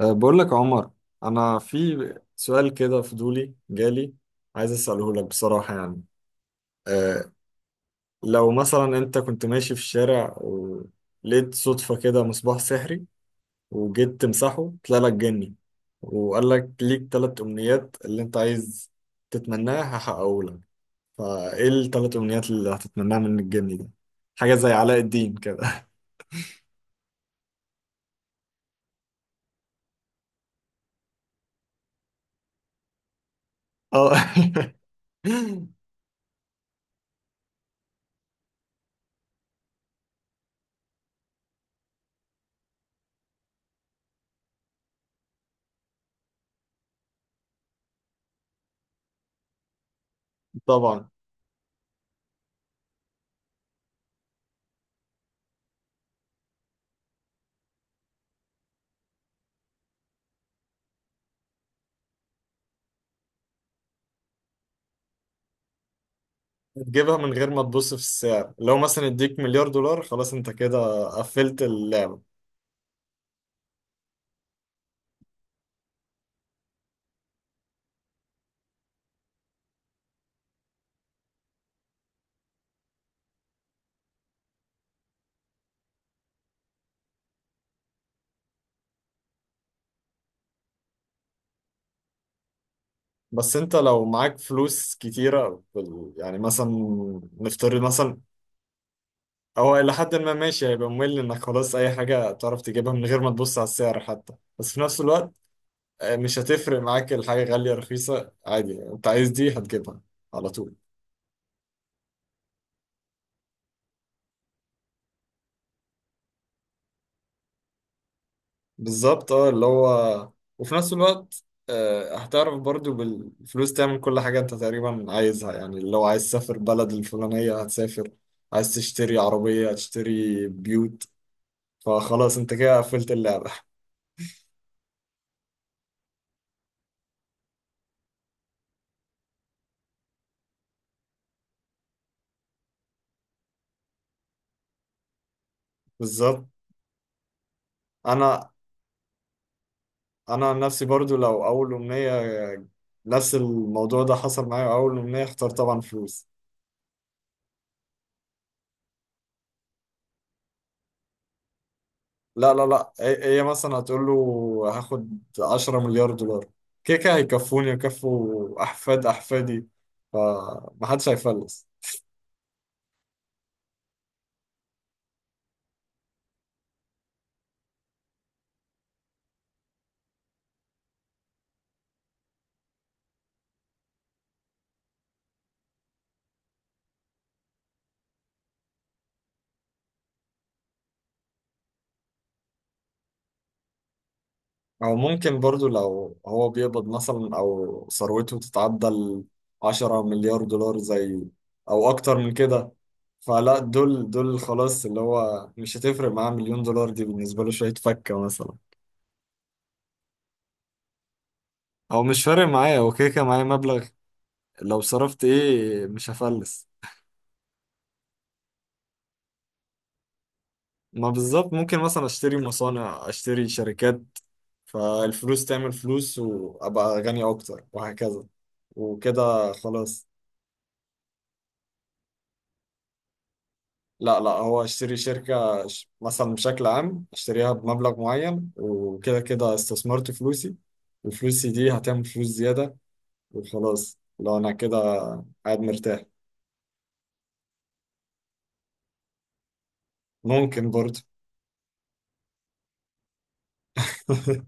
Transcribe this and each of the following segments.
بقول لك يا عمر. انا في سؤال كده فضولي جالي، عايز اساله لك بصراحه. يعني أه لو مثلا انت كنت ماشي في الشارع ولقيت صدفه كده مصباح سحري وجيت تمسحه طلع لك جني، وقال لك ليك ثلاث امنيات اللي انت عايز تتمناها هحققه لك، فايه الثلاث امنيات اللي هتتمناها من الجني ده؟ حاجه زي علاء الدين كده. اه. طبعا، تجيبها من غير ما تبص في السعر. لو مثلا اديك مليار دولار خلاص انت كده قفلت اللعبة. بس انت لو معاك فلوس كتيرة يعني مثلا، نفترض مثلا، هو إلى حد ما ماشي. هيبقى ممل إنك خلاص أي حاجة تعرف تجيبها من غير ما تبص على السعر حتى. بس في نفس الوقت مش هتفرق معاك الحاجة غالية رخيصة، عادي أنت عايز دي هتجيبها على طول. بالظبط. اه اللي هو وفي نفس الوقت هتعرف برضو بالفلوس تعمل كل حاجة انت تقريبا عايزها. يعني لو عايز تسافر بلد الفلانية هتسافر، عايز تشتري عربية هتشتري، بيوت. فخلاص انت كده قفلت اللعبة. بالظبط. انا انا عن نفسي برضو، لو اول امنية نفس الموضوع ده حصل معايا، اول امنية اختار طبعا فلوس. لا لا لا، هي مثلا هتقول له هاخد 10 مليار دولار، كده كده هيكفوني ويكفوا أحفاد أحفادي، فمحدش هيفلس. أو ممكن برضو لو هو بيقبض مثلا، أو ثروته تتعدى ال 10 مليار دولار زي، أو أكتر من كده. فلا دول خلاص، اللي هو مش هتفرق معاه مليون دولار، دي بالنسبة له شوية فكة مثلا. أو مش فارق معايا، هو كده كده معايا مبلغ لو صرفت إيه مش هفلس. ما بالظبط، ممكن مثلا اشتري مصانع، اشتري شركات، فالفلوس تعمل فلوس وابقى غني اكتر، وهكذا وكده خلاص. لا لا، هو اشتري مثلا بشكل عام اشتريها بمبلغ معين، وكده كده استثمرت فلوسي، وفلوسي دي هتعمل فلوس زيادة، وخلاص لو انا كده قاعد مرتاح. ممكن برضه.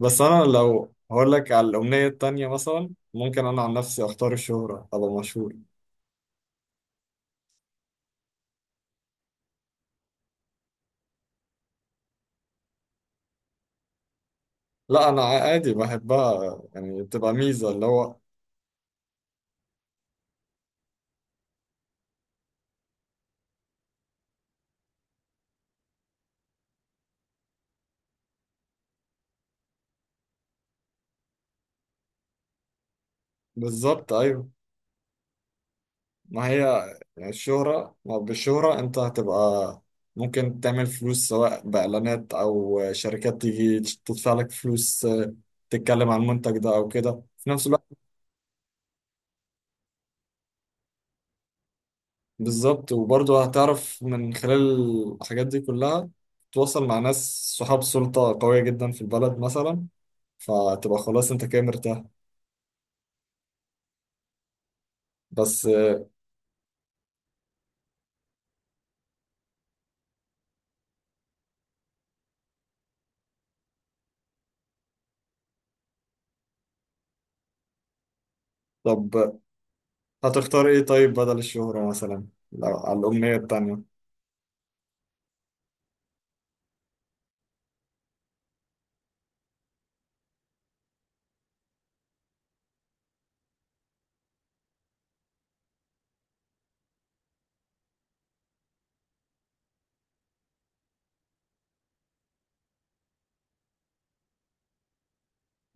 بس انا لو هقول لك على الامنية التانية، مثلا ممكن انا عن نفسي اختار الشهرة، ابقى مشهور. لا انا عادي بحبها، يعني بتبقى ميزة اللي هو بالظبط. ايوه، ما هي يعني الشهرة، ما بالشهرة انت هتبقى ممكن تعمل فلوس، سواء باعلانات او شركات تيجي تدفع لك فلوس تتكلم عن المنتج ده او كده، في نفس الوقت بالظبط. وبرضه هتعرف من خلال الحاجات دي كلها تتواصل مع ناس صحاب سلطة قوية جدا في البلد مثلا، فتبقى خلاص انت كده مرتاح. بس طب هتختار ايه طيب بدل الشهرة، مثلا لو على الأمنية التانية؟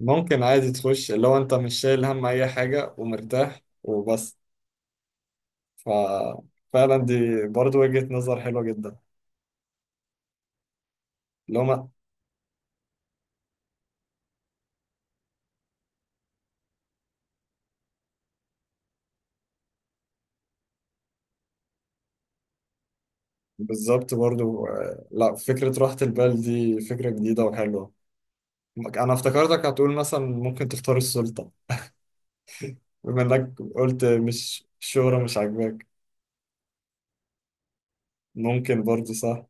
ممكن عادي تخش اللي هو انت مش شايل هم أي حاجة ومرتاح، وبس. ففعلا دي برضو وجهة نظر حلوة جدا. اللي هما بالظبط برضو لا، فكرة راحة البال دي فكرة جديدة وحلوة. أنا افتكرتك هتقول مثلا ممكن تختار السلطة، بما إنك قلت مش الشهرة مش عاجباك. ممكن برضو صح.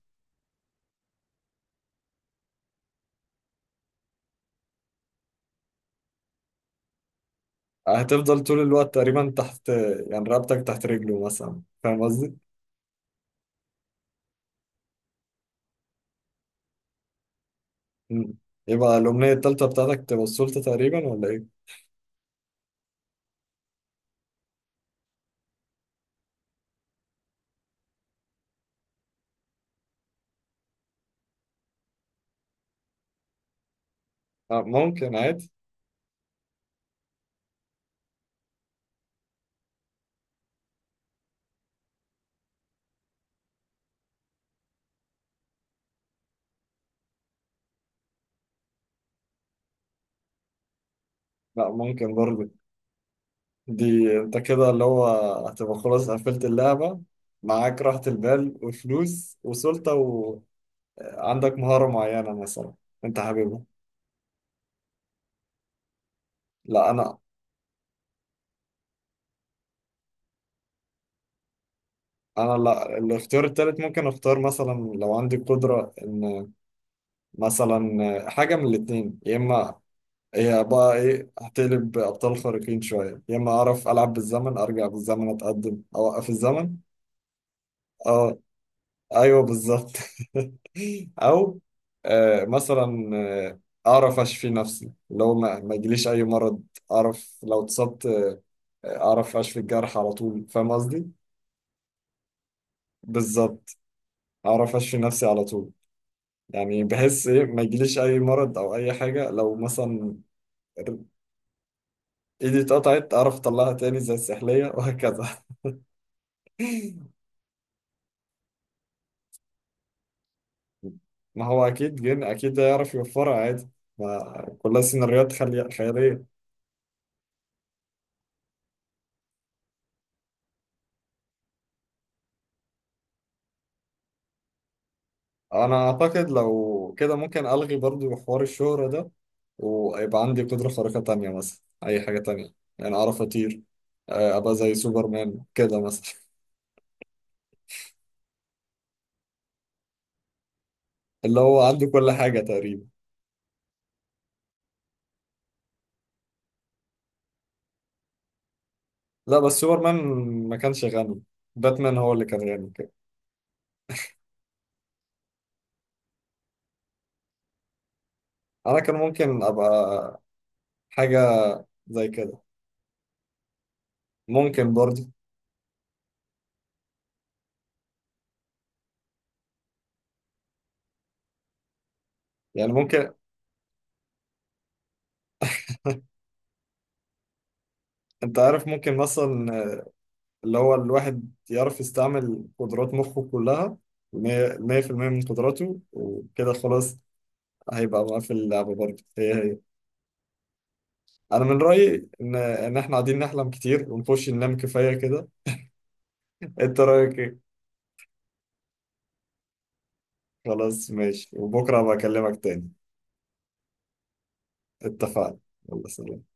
هتفضل طول الوقت تقريبا تحت، يعني رقبتك تحت رجله مثلا، فاهم قصدي؟ مم. يبقى الأمنية التالتة بتاعتك تبقى السلطة تقريبا، ولا إيه؟ ممكن عادي. لا ممكن برضه. دي أنت كده اللي هو هتبقى خلاص قفلت اللعبة. معاك راحة البال وفلوس وسلطة، وعندك مهارة معينة مثلا أنت حاببها. لا، أنا لا، الاختيار التالت ممكن أختار مثلا لو عندي قدرة، إن مثلا حاجة من الاتنين، يا إما هي بقى ايه هتقلب ابطال خارقين شويه، يا اما اعرف العب بالزمن، ارجع بالزمن، اتقدم، اوقف الزمن. اه ايوه بالظبط. او مثلا آه، اعرف اشفي نفسي، لو ما يجيليش اي مرض. اعرف لو اتصبت اعرف اشفي الجرح على طول، فاهم قصدي. بالظبط، اعرف اشفي نفسي على طول. يعني بحس ايه ما يجيليش اي مرض او اي حاجه. لو مثلا ايدي اتقطعت اعرف اطلعها تاني زي السحليه وهكذا. ما هو اكيد جن اكيد ده يعرف يوفرها عادي، ما كلها سيناريوهات خيالية. انا اعتقد لو كده ممكن الغي برضو حوار الشهرة ده، ويبقى عندي قدرة خارقة تانية مثلا، اي حاجة تانية. يعني اعرف اطير ابقى زي سوبرمان كده مثلا. اللي هو عنده كل حاجة تقريبا. لا بس سوبرمان ما كانش غني، باتمان هو اللي كان غني كده. انا كان ممكن ابقى حاجة زي كده. ممكن برضه يعني ممكن. انت عارف ممكن مثلا اللي هو الواحد يعرف يستعمل قدرات مخه كلها، مية 100% من قدراته، وكده خلاص هيبقى مقفل اللعبة برضه، هي هي. أنا من رأيي إن إحنا قاعدين نحلم كتير، ونخش ننام كفاية كده. أنت رأيك إيه؟ خلاص ماشي، وبكرة بكلمك تاني. اتفقنا، يلا سلام.